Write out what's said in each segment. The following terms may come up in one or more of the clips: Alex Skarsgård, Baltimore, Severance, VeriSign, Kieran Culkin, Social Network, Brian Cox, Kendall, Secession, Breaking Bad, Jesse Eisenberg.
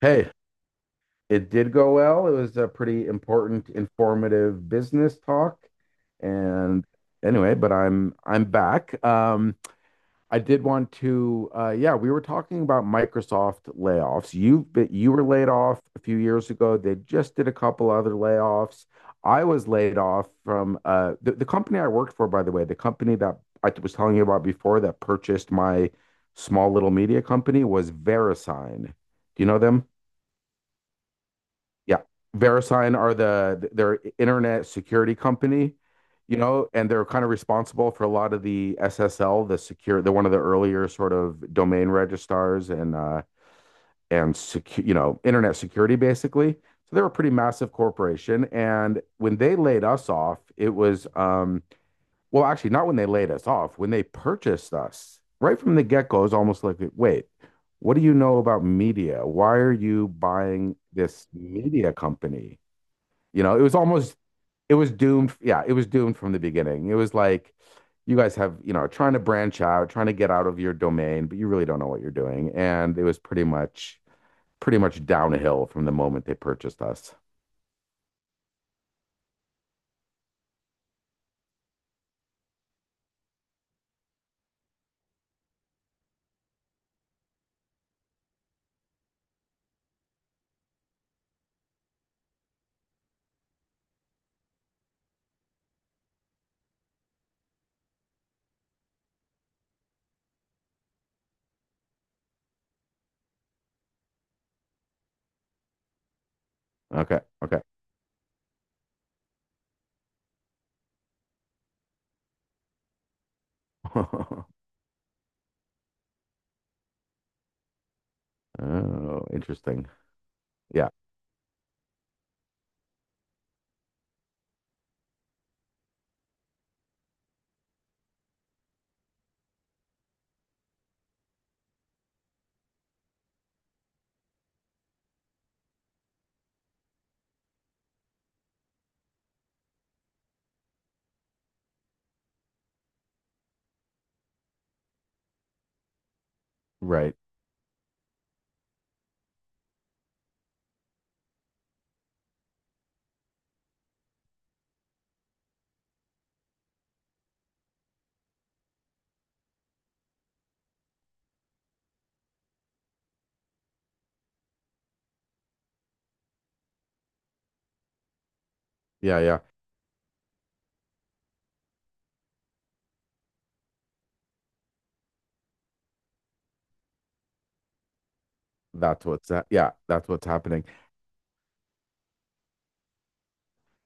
Hey, it did go well. It was a pretty important, informative business talk. And anyway, but I'm back. I did want to yeah, we were talking about Microsoft layoffs. You were laid off a few years ago. They just did a couple other layoffs. I was laid off from the company I worked for, by the way, the company that I was telling you about before that purchased my small little media company was VeriSign. Do you know them? Yeah. VeriSign are their internet security company, you know, and they're kind of responsible for a lot of the SSL, the secure, they're one of the earlier sort of domain registrars and secure, you know, internet security basically. So they are a pretty massive corporation. And when they laid us off, it was well, actually not when they laid us off, when they purchased us. Right from the get-go, it was almost like, wait, what do you know about media? Why are you buying this media company? You know, it was almost it was doomed. Yeah, it was doomed from the beginning. It was like you guys have, trying to branch out, trying to get out of your domain, but you really don't know what you're doing. And it was pretty much downhill from the moment they purchased us. Okay. Okay. Oh, interesting. Yeah. Right. Yeah, yeah. That's what's that. Yeah, that's what's happening.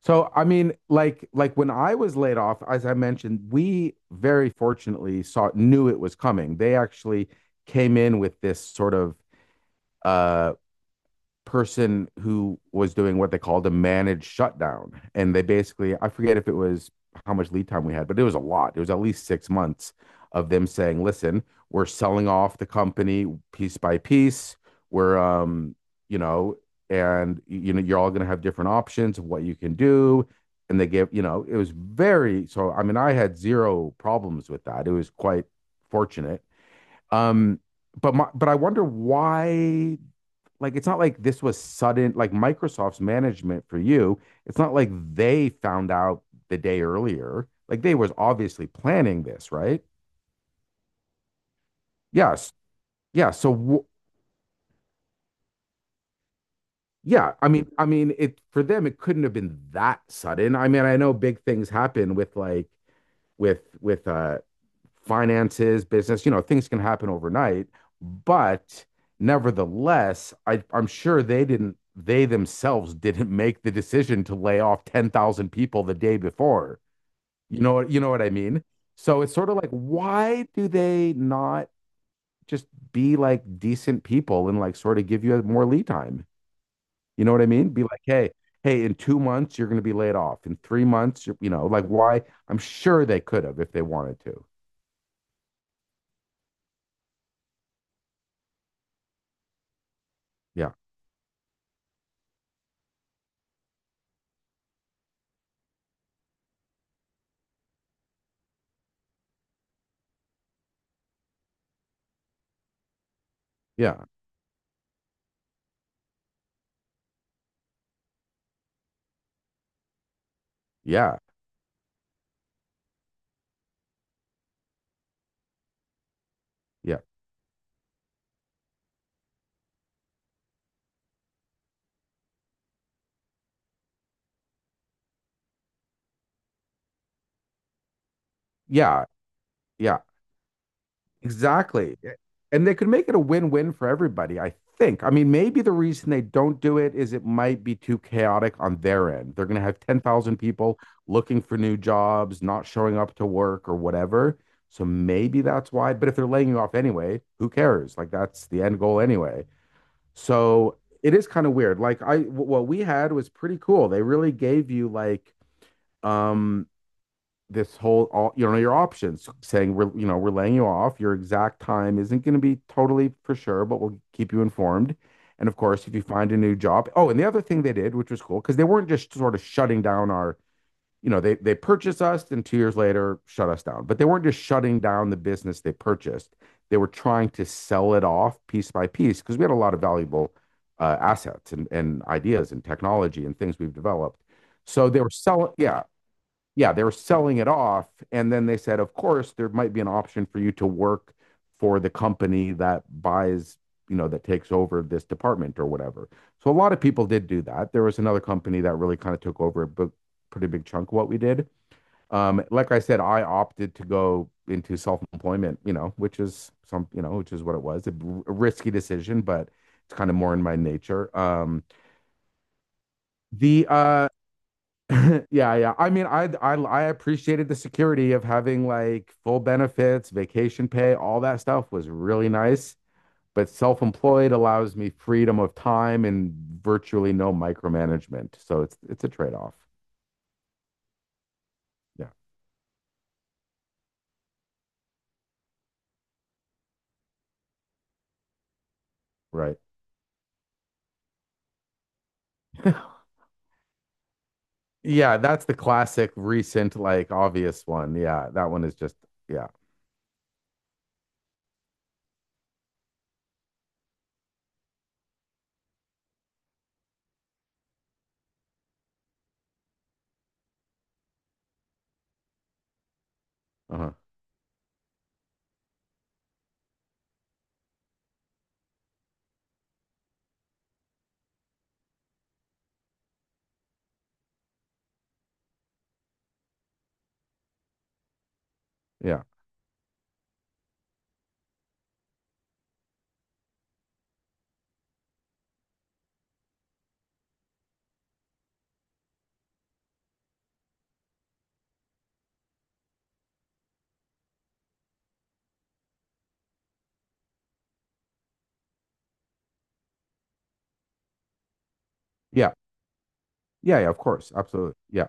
So I mean, like when I was laid off, as I mentioned, we very fortunately saw knew it was coming. They actually came in with this sort of uh person who was doing what they called a managed shutdown. And they basically, I forget if it was how much lead time we had, but it was a lot. It was at least 6 months of them saying, listen, we're selling off the company piece by piece. We're, you know, and you know, you're all going to have different options of what you can do. And they give, you know, it was very, so I mean, I had zero problems with that. It was quite fortunate. Um, but but I wonder why like it's not like this was sudden like Microsoft's management for you. It's not like they found out the day earlier. Like they was obviously planning this, right? Yes. Yeah. Yeah, I mean it for them it couldn't have been that sudden. I mean I know big things happen with with with uh, finances, business. You know, things can happen overnight, but nevertheless, I'm sure they didn't. They themselves didn't make the decision to lay off 10,000 people the day before. You know what I mean? So it's sort of like, why do they not just be like decent people and like sort of give you more lead time? You know what I mean? Hey, in 2 months you're going to be laid off. In 3 months, you know, like why? I'm sure they could have if they wanted to. yeah, yeah, yeah, yeah, yeah, yeah, exactly. Yeah. And they could make it a win-win for everybody, I think. I mean, maybe the reason they don't do it is it might be too chaotic on their end. They're going to have 10,000 people looking for new jobs, not showing up to work or whatever. So maybe that's why. But if they're laying you off anyway, who cares? Like that's the end goal anyway. So it is kind of weird. What we had was pretty cool. They really gave you like, um, this whole all you know your options saying we're you know we're laying you off your exact time isn't going to be totally for sure but we'll keep you informed and of course if you find a new job oh and the other thing they did which was cool because they weren't just sort of shutting down our you know they purchased us and 2 years later shut us down but they weren't just shutting down the business they purchased they were trying to sell it off piece by piece because we had a lot of valuable assets and ideas and technology and things we've developed so they were selling yeah yeah, they were selling it off. And then they said, of course, there might be an option for you to work for the company that buys, you know, that takes over this department or whatever. So a lot of people did do that. There was another company that really kind of took over a pretty big chunk of what we did. Like I said, I opted to go into self-employment, you know, which is some, you know, which is what it was, a risky decision, but it's kind of more in my nature. The Yeah, yeah. I mean, I appreciated the security of having like full benefits, vacation pay, all that stuff was really nice. But self-employed allows me freedom of time and virtually no micromanagement. So it's a trade-off. Yeah, right. Yeah, that's the classic recent, like obvious one. Yeah, that one is just yeah. Uh-huh. Yeah. Yeah. Yeah, yeah, of course. Absolutely. Yeah.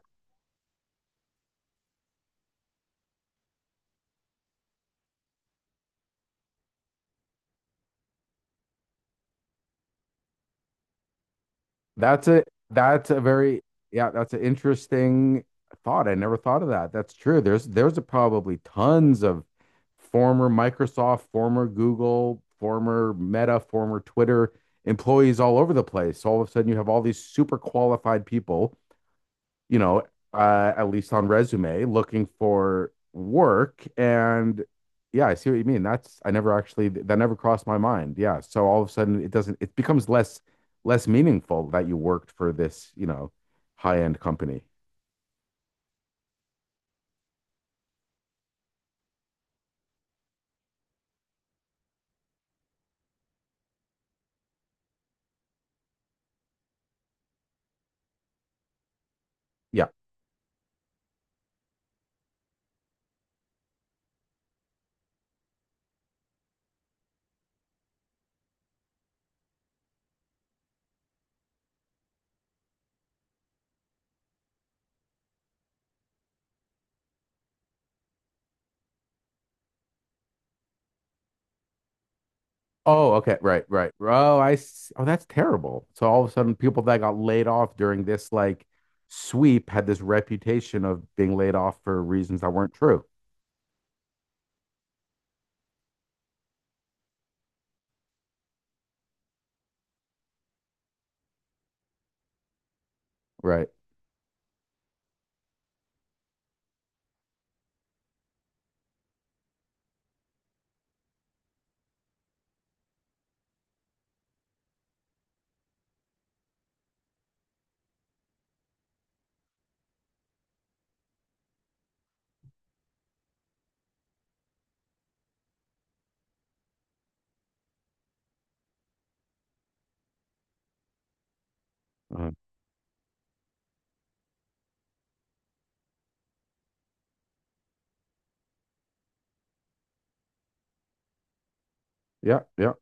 That's a that's a very yeah, that's an interesting thought. I never thought of that. That's true. There's probably tons of former Microsoft, former Google, former Meta, former Twitter employees all over the place. So all of a sudden you have all these super qualified people you know, at least on resume, looking for work. And yeah, I see what you mean. That's I never actually that never crossed my mind. Yeah. So all of a sudden it doesn't it becomes less meaningful that you worked for this, you know, high-end company. Yeah. Oh, okay. Right, right. Oh that's terrible. So all of a sudden people that got laid off during this like sweep had this reputation of being laid off for reasons that weren't true. Right. Uh, yeah, yeah.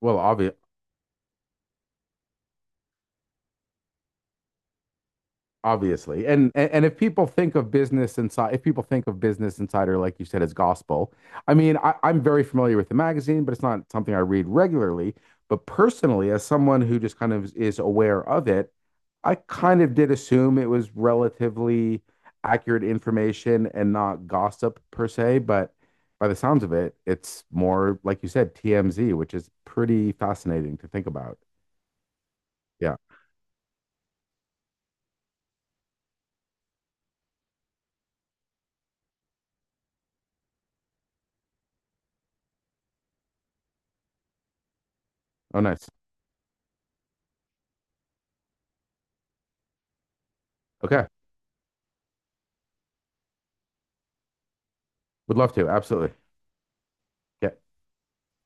Well, obvious obviously and and if people think of business inside if people think of business insider like you said as gospel I mean I'm very familiar with the magazine but it's not something I read regularly but personally as someone who just kind of is aware of it I kind of did assume it was relatively accurate information and not gossip per se but by the sounds of it it's more like you said tmz which is pretty fascinating to think about yeah oh nice okay would love to absolutely yeah